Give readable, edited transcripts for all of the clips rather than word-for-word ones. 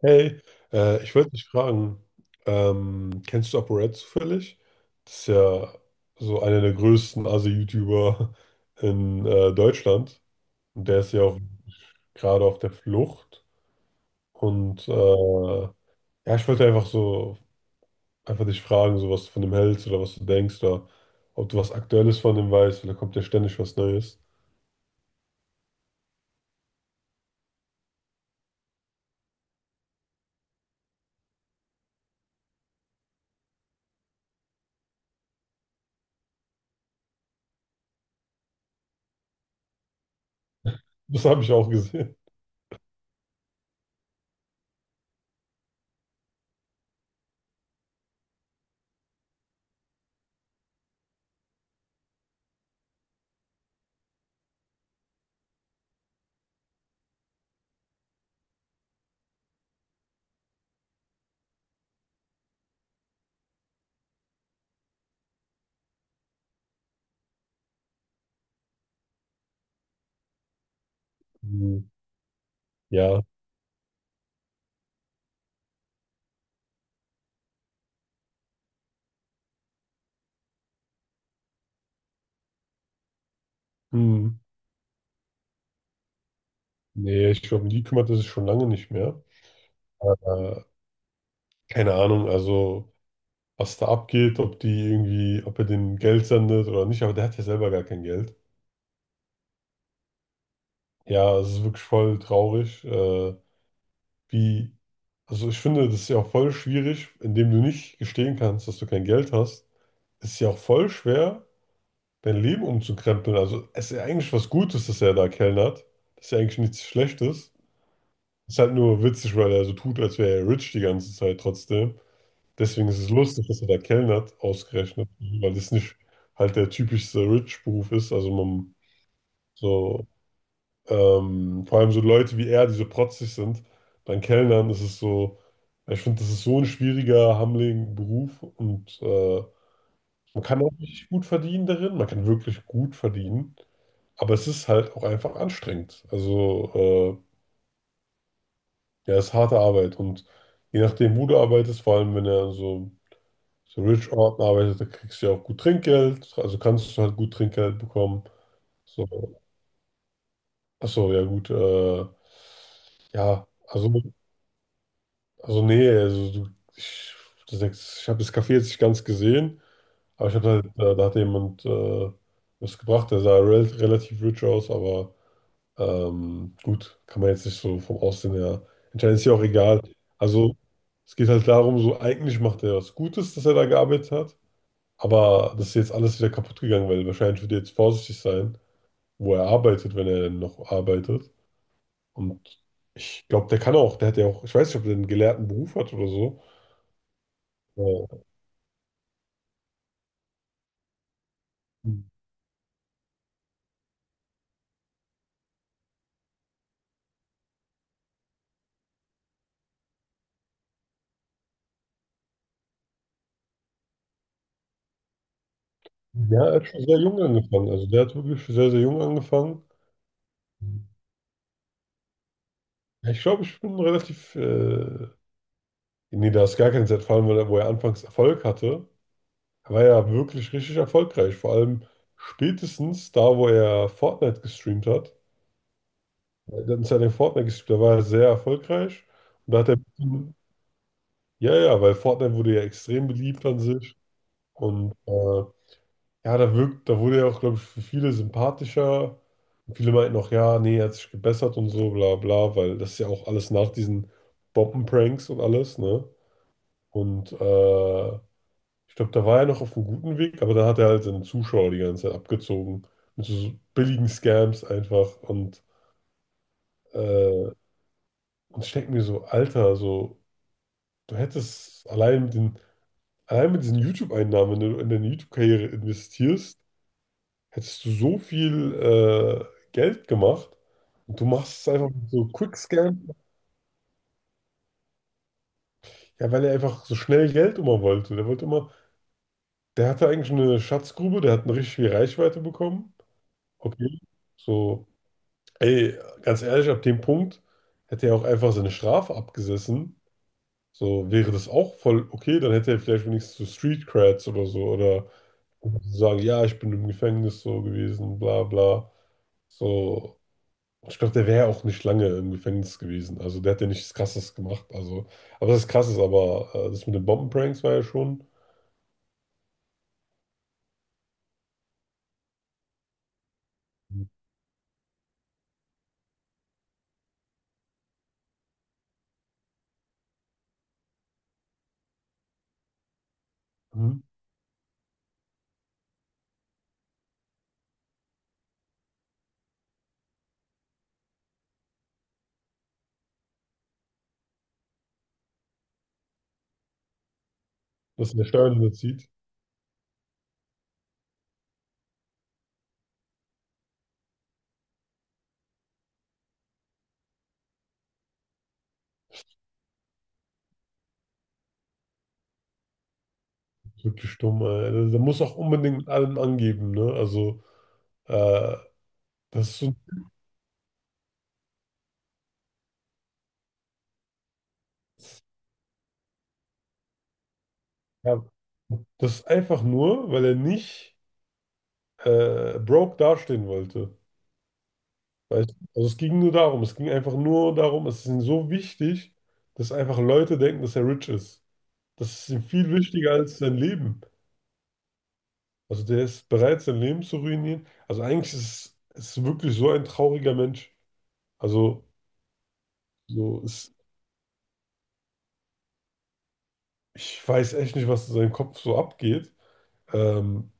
Hey, ich wollte dich fragen, kennst du ApoRed zufällig? Das ist ja so einer der größten Asi-YouTuber in Deutschland. Und der ist ja auch gerade auf der Flucht. Und ja, ich wollte einfach so, einfach dich fragen, so was du von dem hältst oder was du denkst oder ob du was Aktuelles von dem weißt, weil da kommt ja ständig was Neues. Das habe ich auch gesehen. Hm. Ja. Hm, nee, ich glaube, um die kümmert er sich schon lange nicht mehr. Äh, Keine Ahnung, also. Was da abgeht, ob die irgendwie, ob er denen Geld sendet oder nicht, aber der hat ja selber gar kein Geld. Ja, es ist wirklich voll traurig, wie, also ich finde, das ist ja auch voll schwierig, indem du nicht gestehen kannst, dass du kein Geld hast, ist ja auch voll schwer, dein Leben umzukrempeln. Also es ist ja eigentlich was Gutes, dass er da kellnert. Das ist ja eigentlich nichts Schlechtes. Ist halt nur witzig, weil er so tut, als wäre er rich die ganze Zeit trotzdem. Deswegen ist es lustig, dass er da kellnert, ausgerechnet, weil das nicht halt der typischste Rich-Beruf ist. Also man so, vor allem so Leute wie er, die so protzig sind, dann Kellnern, das ist so, ich finde, das ist so ein schwieriger, hammeliger Beruf und man kann auch richtig gut verdienen darin, man kann wirklich gut verdienen, aber es ist halt auch einfach anstrengend. Also, ja, es ist harte Arbeit und je nachdem, wo du arbeitest, vor allem wenn er so Rich Orten arbeitet, da kriegst du ja auch gut Trinkgeld, also kannst du halt gut Trinkgeld bekommen. So, achso, ja gut, ja, also nee, also du, ich, das, ich habe das Café jetzt nicht ganz gesehen, aber ich habe halt, da, da hat jemand was gebracht, der sah relativ rich aus, aber gut, kann man jetzt nicht so vom Aussehen her entscheiden, ist ja auch egal. Also es geht halt darum, so eigentlich macht er was Gutes, dass er da gearbeitet hat. Aber das ist jetzt alles wieder kaputt gegangen, weil wahrscheinlich wird er jetzt vorsichtig sein, wo er arbeitet, wenn er denn noch arbeitet. Und ich glaube, der kann auch, der hat ja auch, ich weiß nicht, ob der einen gelehrten Beruf hat oder so. Äh, Ja, er hat schon sehr jung angefangen. Also der hat wirklich sehr, sehr jung angefangen. Ja, ich glaube, ich bin relativ, nee, da ist gar keine Zeit, vor allem, weil er, wo er anfangs Erfolg hatte, war ja wirklich richtig erfolgreich. Vor allem spätestens da, wo er Fortnite gestreamt hat. Der hat uns ja den Fortnite gespielt, der war ja sehr erfolgreich. Und da hat er, ja, ja, weil Fortnite wurde ja extrem beliebt an sich. Und ja, da wirkt, da wurde er auch, glaube ich, für viele sympathischer. Und viele meinten auch, ja, nee, er hat sich gebessert und so, bla bla, weil das ist ja auch alles nach diesen Bombenpranks und alles, ne? Und ich glaube, da war er noch auf einem guten Weg, aber da hat er halt seine Zuschauer die ganze Zeit abgezogen. Mit so billigen Scams einfach. Äh, und ich denke mir so, Alter, so. Du hättest allein mit den, allein mit diesen YouTube-Einnahmen, wenn du in deine YouTube-Karriere investierst, hättest du so viel Geld gemacht und du machst es einfach mit so Quickscan, ja, weil er einfach so schnell Geld immer wollte. Der wollte immer, der hatte eigentlich eine Schatzgrube, der hat eine richtig viel Reichweite bekommen. Okay, so, ey, ganz ehrlich, ab dem Punkt hätte er auch einfach seine Strafe abgesessen. So wäre das auch voll okay, dann hätte er vielleicht wenigstens so Street Creds oder so oder sagen, ja, ich bin im Gefängnis so gewesen, bla bla. So, ich glaube, der wäre auch nicht lange im Gefängnis gewesen. Also der hat ja nichts Krasses gemacht. Also, aber das ist krasses, aber das mit den Bombenpranks war ja schon. Mhm. Dass der Steuern überzieht. Wirklich dumm, ey. Der muss auch unbedingt mit allem angeben, ne? Also, äh, das ist so, ja, das ist einfach nur, weil er nicht broke dastehen wollte. Weißt du? Also es ging nur darum, es ging einfach nur darum, es ist ihm so wichtig, dass einfach Leute denken, dass er rich ist. Das ist ihm viel wichtiger als sein Leben. Also der ist bereit, sein Leben zu ruinieren. Also eigentlich ist es ist wirklich so ein trauriger Mensch. Also so ist, ich weiß echt nicht, was in seinem Kopf so abgeht. Ähm,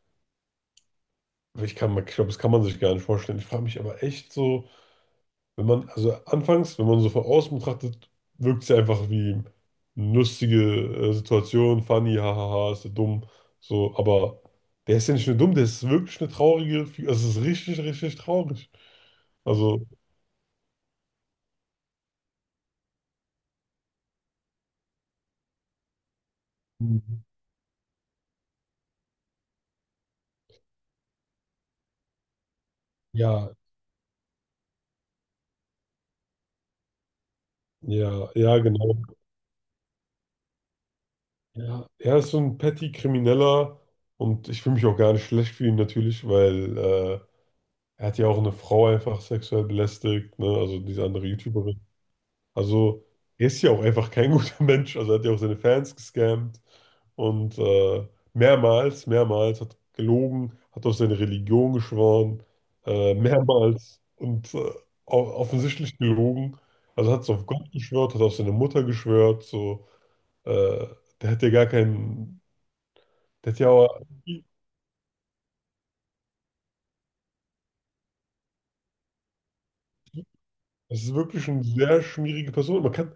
Ich kann, ich glaube, das kann man sich gar nicht vorstellen. Ich frage mich aber echt so, wenn man, also anfangs, wenn man so von außen betrachtet, wirkt sie einfach wie eine lustige Situation, funny, hahaha, ist der dumm, so, aber der ist ja nicht nur dumm, der ist wirklich eine traurige, also es ist richtig, richtig traurig. Also, ja, ja, ja, genau. Ja, er ist so ein petty Krimineller und ich fühle mich auch gar nicht schlecht für ihn natürlich, weil er hat ja auch eine Frau einfach sexuell belästigt, ne? Also diese andere YouTuberin. Also, er ist ja auch einfach kein guter Mensch. Also, er hat ja auch seine Fans gescammt und mehrmals, mehrmals hat gelogen, hat auf seine Religion geschworen, mehrmals und offensichtlich gelogen. Also, hat es auf Gott geschwört, hat auf seine Mutter geschwört. So, äh, der hat ja gar keinen, der hat ja auch, das ist wirklich eine sehr schmierige Person.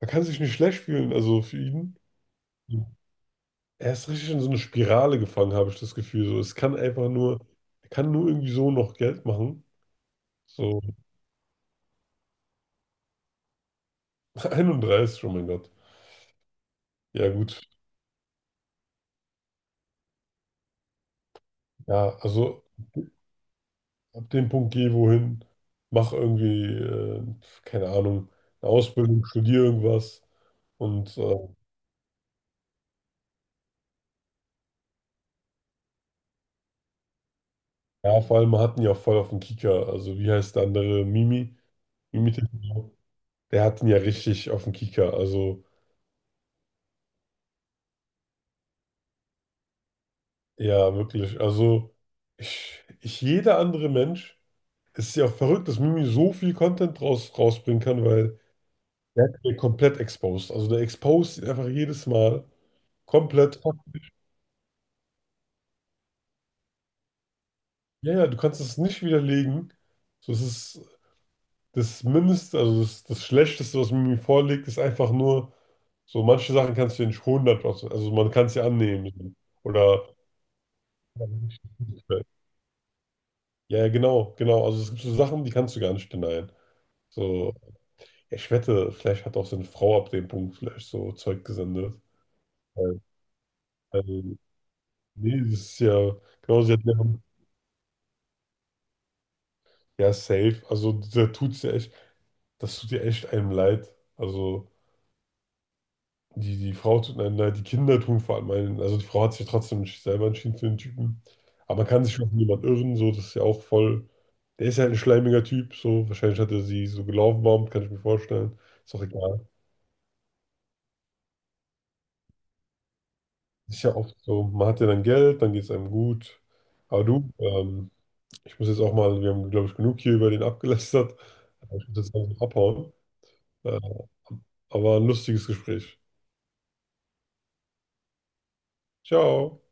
Man kann sich nicht schlecht fühlen, also für ihn. Er ist richtig in so eine Spirale gefangen, habe ich das Gefühl. So, es kann einfach nur, er kann nur irgendwie so noch Geld machen. So. 31, oh mein Gott. Ja, gut. Ja, also ab dem Punkt geh wohin, mach irgendwie, keine Ahnung, eine Ausbildung, studier irgendwas. Und ja, vor allem, wir hatten ja auch voll auf den Kieker. Also, wie heißt der andere? Mimi? Mimi Tissot. Der hat ihn ja richtig auf den Kieker. Also, ja, wirklich. Also, jeder andere Mensch. Es ist ja auch verrückt, dass Mimi so viel Content rausbringen kann, weil der wird komplett exposed. Also der exposed ihn einfach jedes Mal komplett. Ja, ja, du kannst es nicht widerlegen. So, es ist das Mindeste, also das Schlechteste, was Mimi vorlegt, ist einfach nur, so manche Sachen kannst du ja nicht 100%, also man kann es ja annehmen. Oder. Ja, ja, genau, genau. Also es gibt so Sachen, die kannst du gar nicht denyen. So, ja, ich wette, vielleicht hat auch seine Frau ab dem Punkt vielleicht so Zeug gesendet. Äh, Nee, das ist ja, genau, sie hat ja, ja safe. Also, da tut's ja echt, das tut ja echt einem leid. Also, die Frau tut einem leid, die Kinder tun vor allem einen. Also, die Frau hat sich ja trotzdem nicht selber entschieden für den Typen. Aber man kann sich schon von jemand irren, so, das ist ja auch voll. Der ist ja halt ein schleimiger Typ, so. Wahrscheinlich hat er sie so gelaufen, bombt, kann ich mir vorstellen. Ist auch egal. Ist ja oft so, man hat ja dann Geld, dann geht es einem gut. Aber du, ich muss jetzt auch mal, wir haben, glaube ich, genug hier über den abgelästert. Ich muss jetzt langsam abhauen. Äh, aber ein lustiges Gespräch. Ciao.